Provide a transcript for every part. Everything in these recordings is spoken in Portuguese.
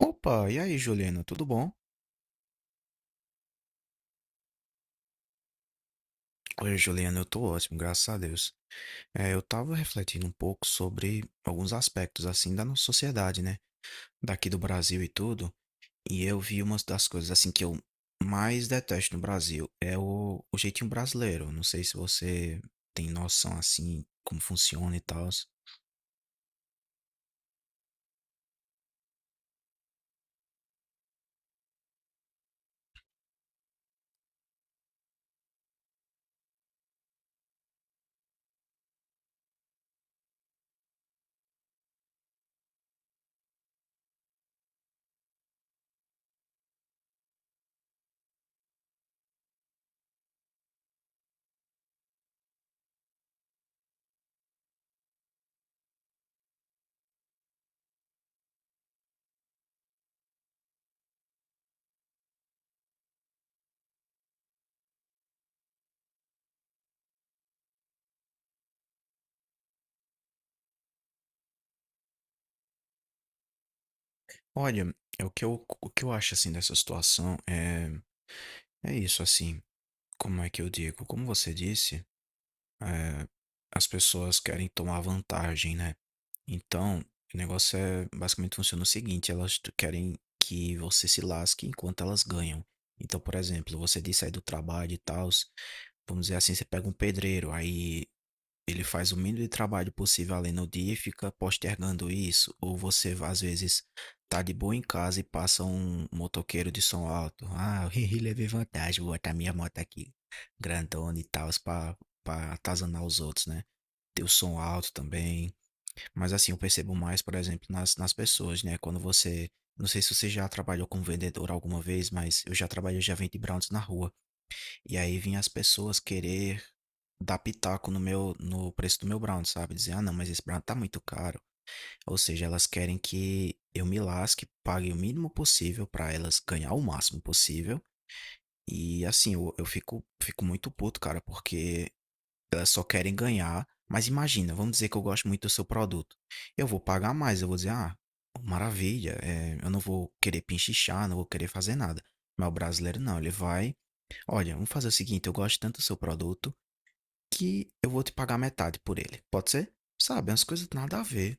Opa, e aí, Juliana, tudo bom? Oi, Juliana, eu tô ótimo, graças a Deus. É, eu tava refletindo um pouco sobre alguns aspectos, assim, da nossa sociedade, né? Daqui do Brasil e tudo. E eu vi uma das coisas, assim, que eu mais detesto no Brasil é o jeitinho brasileiro. Não sei se você tem noção, assim, como funciona e tal. Olha, é o que eu acho, assim, dessa situação é, é isso, assim. Como é que eu digo? Como você disse. é, As pessoas querem tomar vantagem, né? Então, o negócio é basicamente funciona o seguinte: querem que você se lasque enquanto elas ganham. Então, por exemplo, você disse aí do trabalho e tal, vamos dizer assim, você pega um pedreiro, aí ele faz o mínimo de trabalho possível ali no dia e fica postergando isso, ou você às vezes tá de boa em casa e passa um motoqueiro de som alto. Ah, eu levei vantagem, vou botar minha moto aqui, grandona e tal, pra atazanar os outros, né? Ter o som alto também. Mas assim, eu percebo mais, por exemplo, nas pessoas, né? Quando você. Não sei se você já trabalhou como vendedor alguma vez, mas eu já trabalhei, eu já vendi brownies na rua. E aí vinha as pessoas querer dar pitaco no meu, no preço do meu brownie, sabe? Dizer, ah, não, mas esse brownie tá muito caro. Ou seja, elas querem que eu me lasque, pague o mínimo possível pra elas ganhar o máximo possível. E assim, eu fico, fico muito puto, cara, porque elas só querem ganhar. Mas imagina, vamos dizer que eu gosto muito do seu produto. Eu vou pagar mais, eu vou dizer, ah, maravilha, é, eu não vou querer pinchichar, não vou querer fazer nada. Mas o brasileiro não, ele vai, olha, vamos fazer o seguinte, eu gosto tanto do seu produto que eu vou te pagar metade por ele. Pode ser? Sabe, umas coisas nada a ver.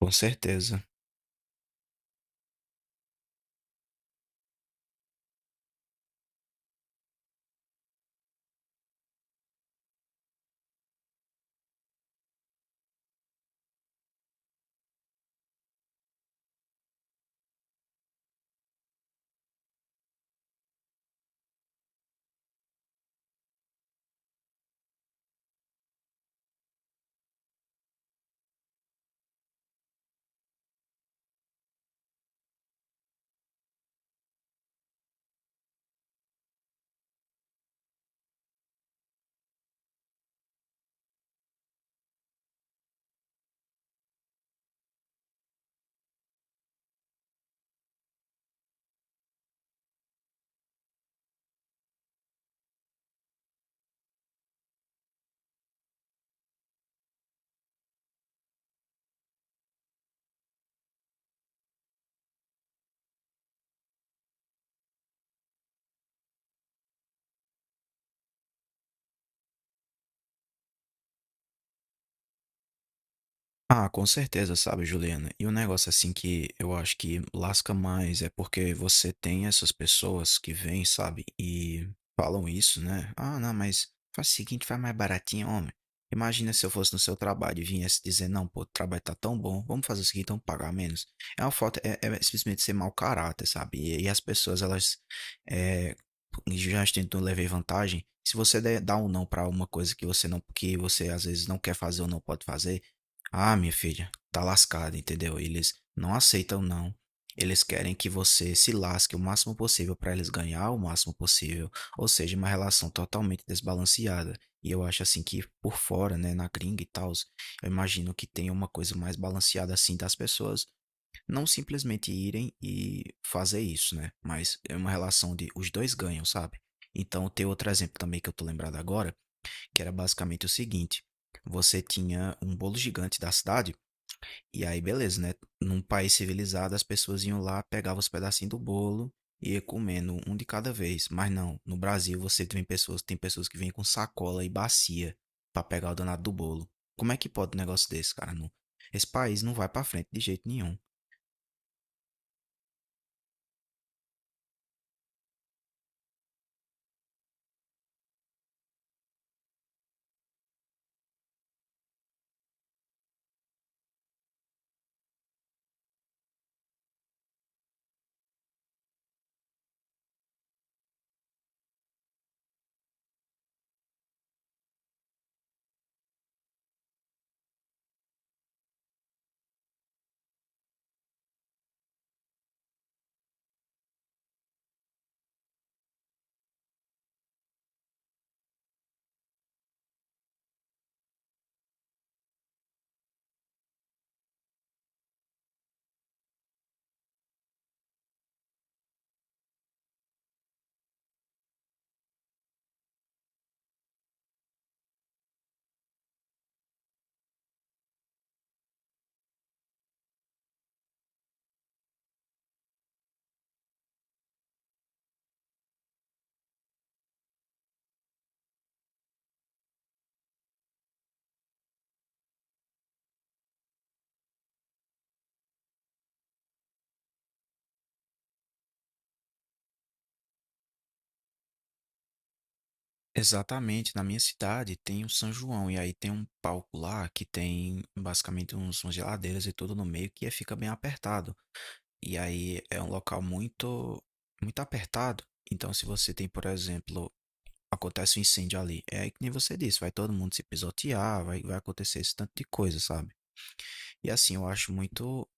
Com certeza. Ah, com certeza, sabe, Juliana? E um negócio assim que eu acho que lasca mais é porque você tem essas pessoas que vêm, sabe, e falam isso, né? Ah, não, mas faz o seguinte, faz mais baratinho, homem. Imagina se eu fosse no seu trabalho e viesse dizer, não, pô, o trabalho tá tão bom, vamos fazer o seguinte, vamos pagar menos. É uma falta, é simplesmente ser mau caráter, sabe? E as pessoas, elas é, já tentam levar vantagem. Se você der, dá um não pra uma coisa que você não, que você às vezes não quer fazer ou não pode fazer, ah, minha filha, tá lascada, entendeu? Eles não aceitam não. Eles querem que você se lasque o máximo possível para eles ganhar o máximo possível, ou seja, uma relação totalmente desbalanceada. E eu acho assim que por fora, né, na gringa e tal, eu imagino que tenha uma coisa mais balanceada assim das pessoas não simplesmente irem e fazer isso, né? Mas é uma relação de os dois ganham, sabe? Então tem outro exemplo também que eu tô lembrado agora, que era basicamente o seguinte: você tinha um bolo gigante da cidade e aí, beleza, né? Num país civilizado, as pessoas iam lá, pegavam os pedacinhos do bolo e ia comendo um de cada vez. Mas não, no Brasil você tem pessoas que vêm com sacola e bacia pra pegar o danado do bolo. Como é que pode um negócio desse, cara? Não, esse país não vai pra frente de jeito nenhum. Exatamente, na minha cidade tem o São João e aí tem um palco lá que tem basicamente uns, umas geladeiras e tudo no meio que fica bem apertado. E aí é um local muito, muito apertado. Então, se você tem, por exemplo, acontece um incêndio ali, é que nem você disse, vai todo mundo se pisotear, vai acontecer esse tanto de coisa, sabe? E assim, eu acho muito,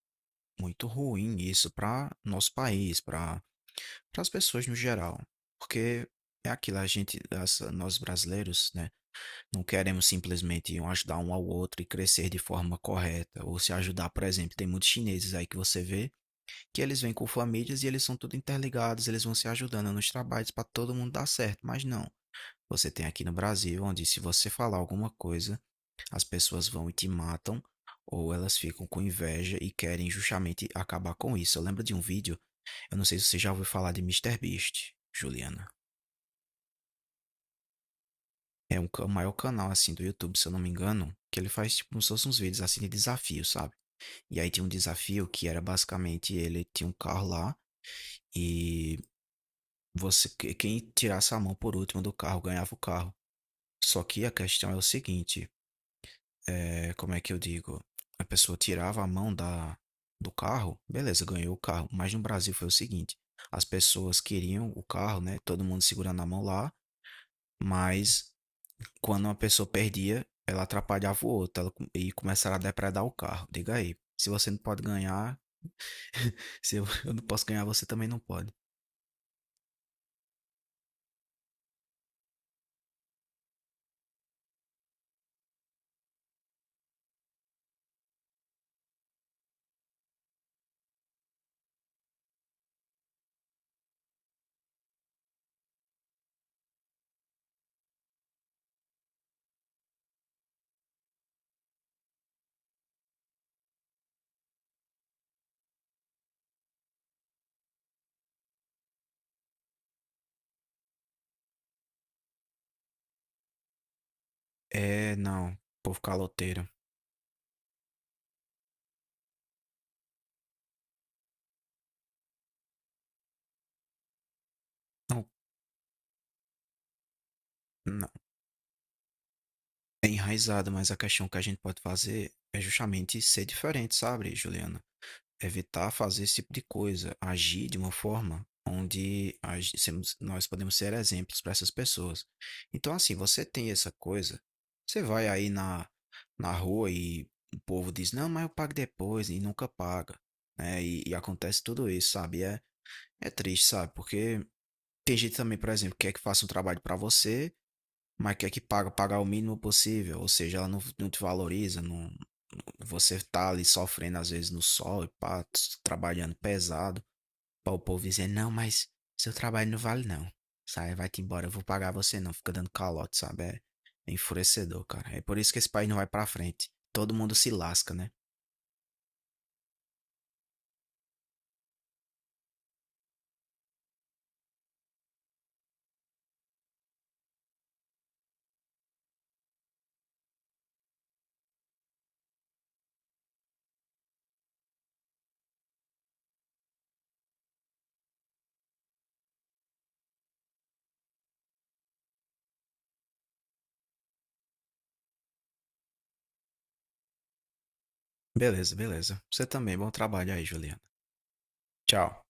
muito ruim isso para nosso país, para as pessoas no geral. Porque é aquilo, a gente, as- nós brasileiros, né, não queremos simplesmente um ajudar um ao outro e crescer de forma correta, ou se ajudar, por exemplo, tem muitos chineses aí que você vê que eles vêm com famílias e eles são tudo interligados, eles vão se ajudando nos trabalhos para todo mundo dar certo, mas não. Você tem aqui no Brasil, onde se você falar alguma coisa, as pessoas vão e te matam, ou elas ficam com inveja e querem justamente acabar com isso. Eu lembro de um vídeo, eu não sei se você já ouviu falar de MrBeast, Juliana. É um, o maior canal assim do YouTube, se eu não me engano, que ele faz tipo como se fossem uns vídeos assim de desafio, sabe? E aí tinha um desafio que era basicamente ele tinha um carro lá e você, quem tirasse a mão por último do carro ganhava o carro. Só que a questão é o seguinte, é, como é que eu digo? A pessoa tirava a mão da, do carro, beleza, ganhou o carro. Mas no Brasil foi o seguinte, as pessoas queriam o carro, né? Todo mundo segurando a mão lá, mas quando uma pessoa perdia, ela atrapalhava o outro, e começaram a depredar o carro. Diga aí, se você não pode ganhar, se eu, eu não posso ganhar, você também não pode. É, não, povo caloteiro. Não, é enraizado, mas a questão que a gente pode fazer é justamente ser diferente, sabe, Juliana? Evitar fazer esse tipo de coisa, agir de uma forma onde nós podemos ser exemplos para essas pessoas. Então, assim, você tem essa coisa, você vai aí na rua e o povo diz, não, mas eu pago depois e nunca paga, né? E acontece tudo isso, sabe? E é, é triste, sabe? Porque tem gente também, por exemplo, que quer que faça um trabalho para você mas quer que pagar o mínimo possível, ou seja, ela não te valoriza, não, você tá ali sofrendo às vezes no sol e pá, trabalhando pesado, para o povo dizer, não, mas seu trabalho não vale não, sai, vai-te embora, eu vou pagar você não, fica dando calote, sabe, é, é enfurecedor, cara, é por isso que esse país não vai pra frente, todo mundo se lasca, né? Beleza, beleza, você também, bom trabalho aí, Juliana, tchau.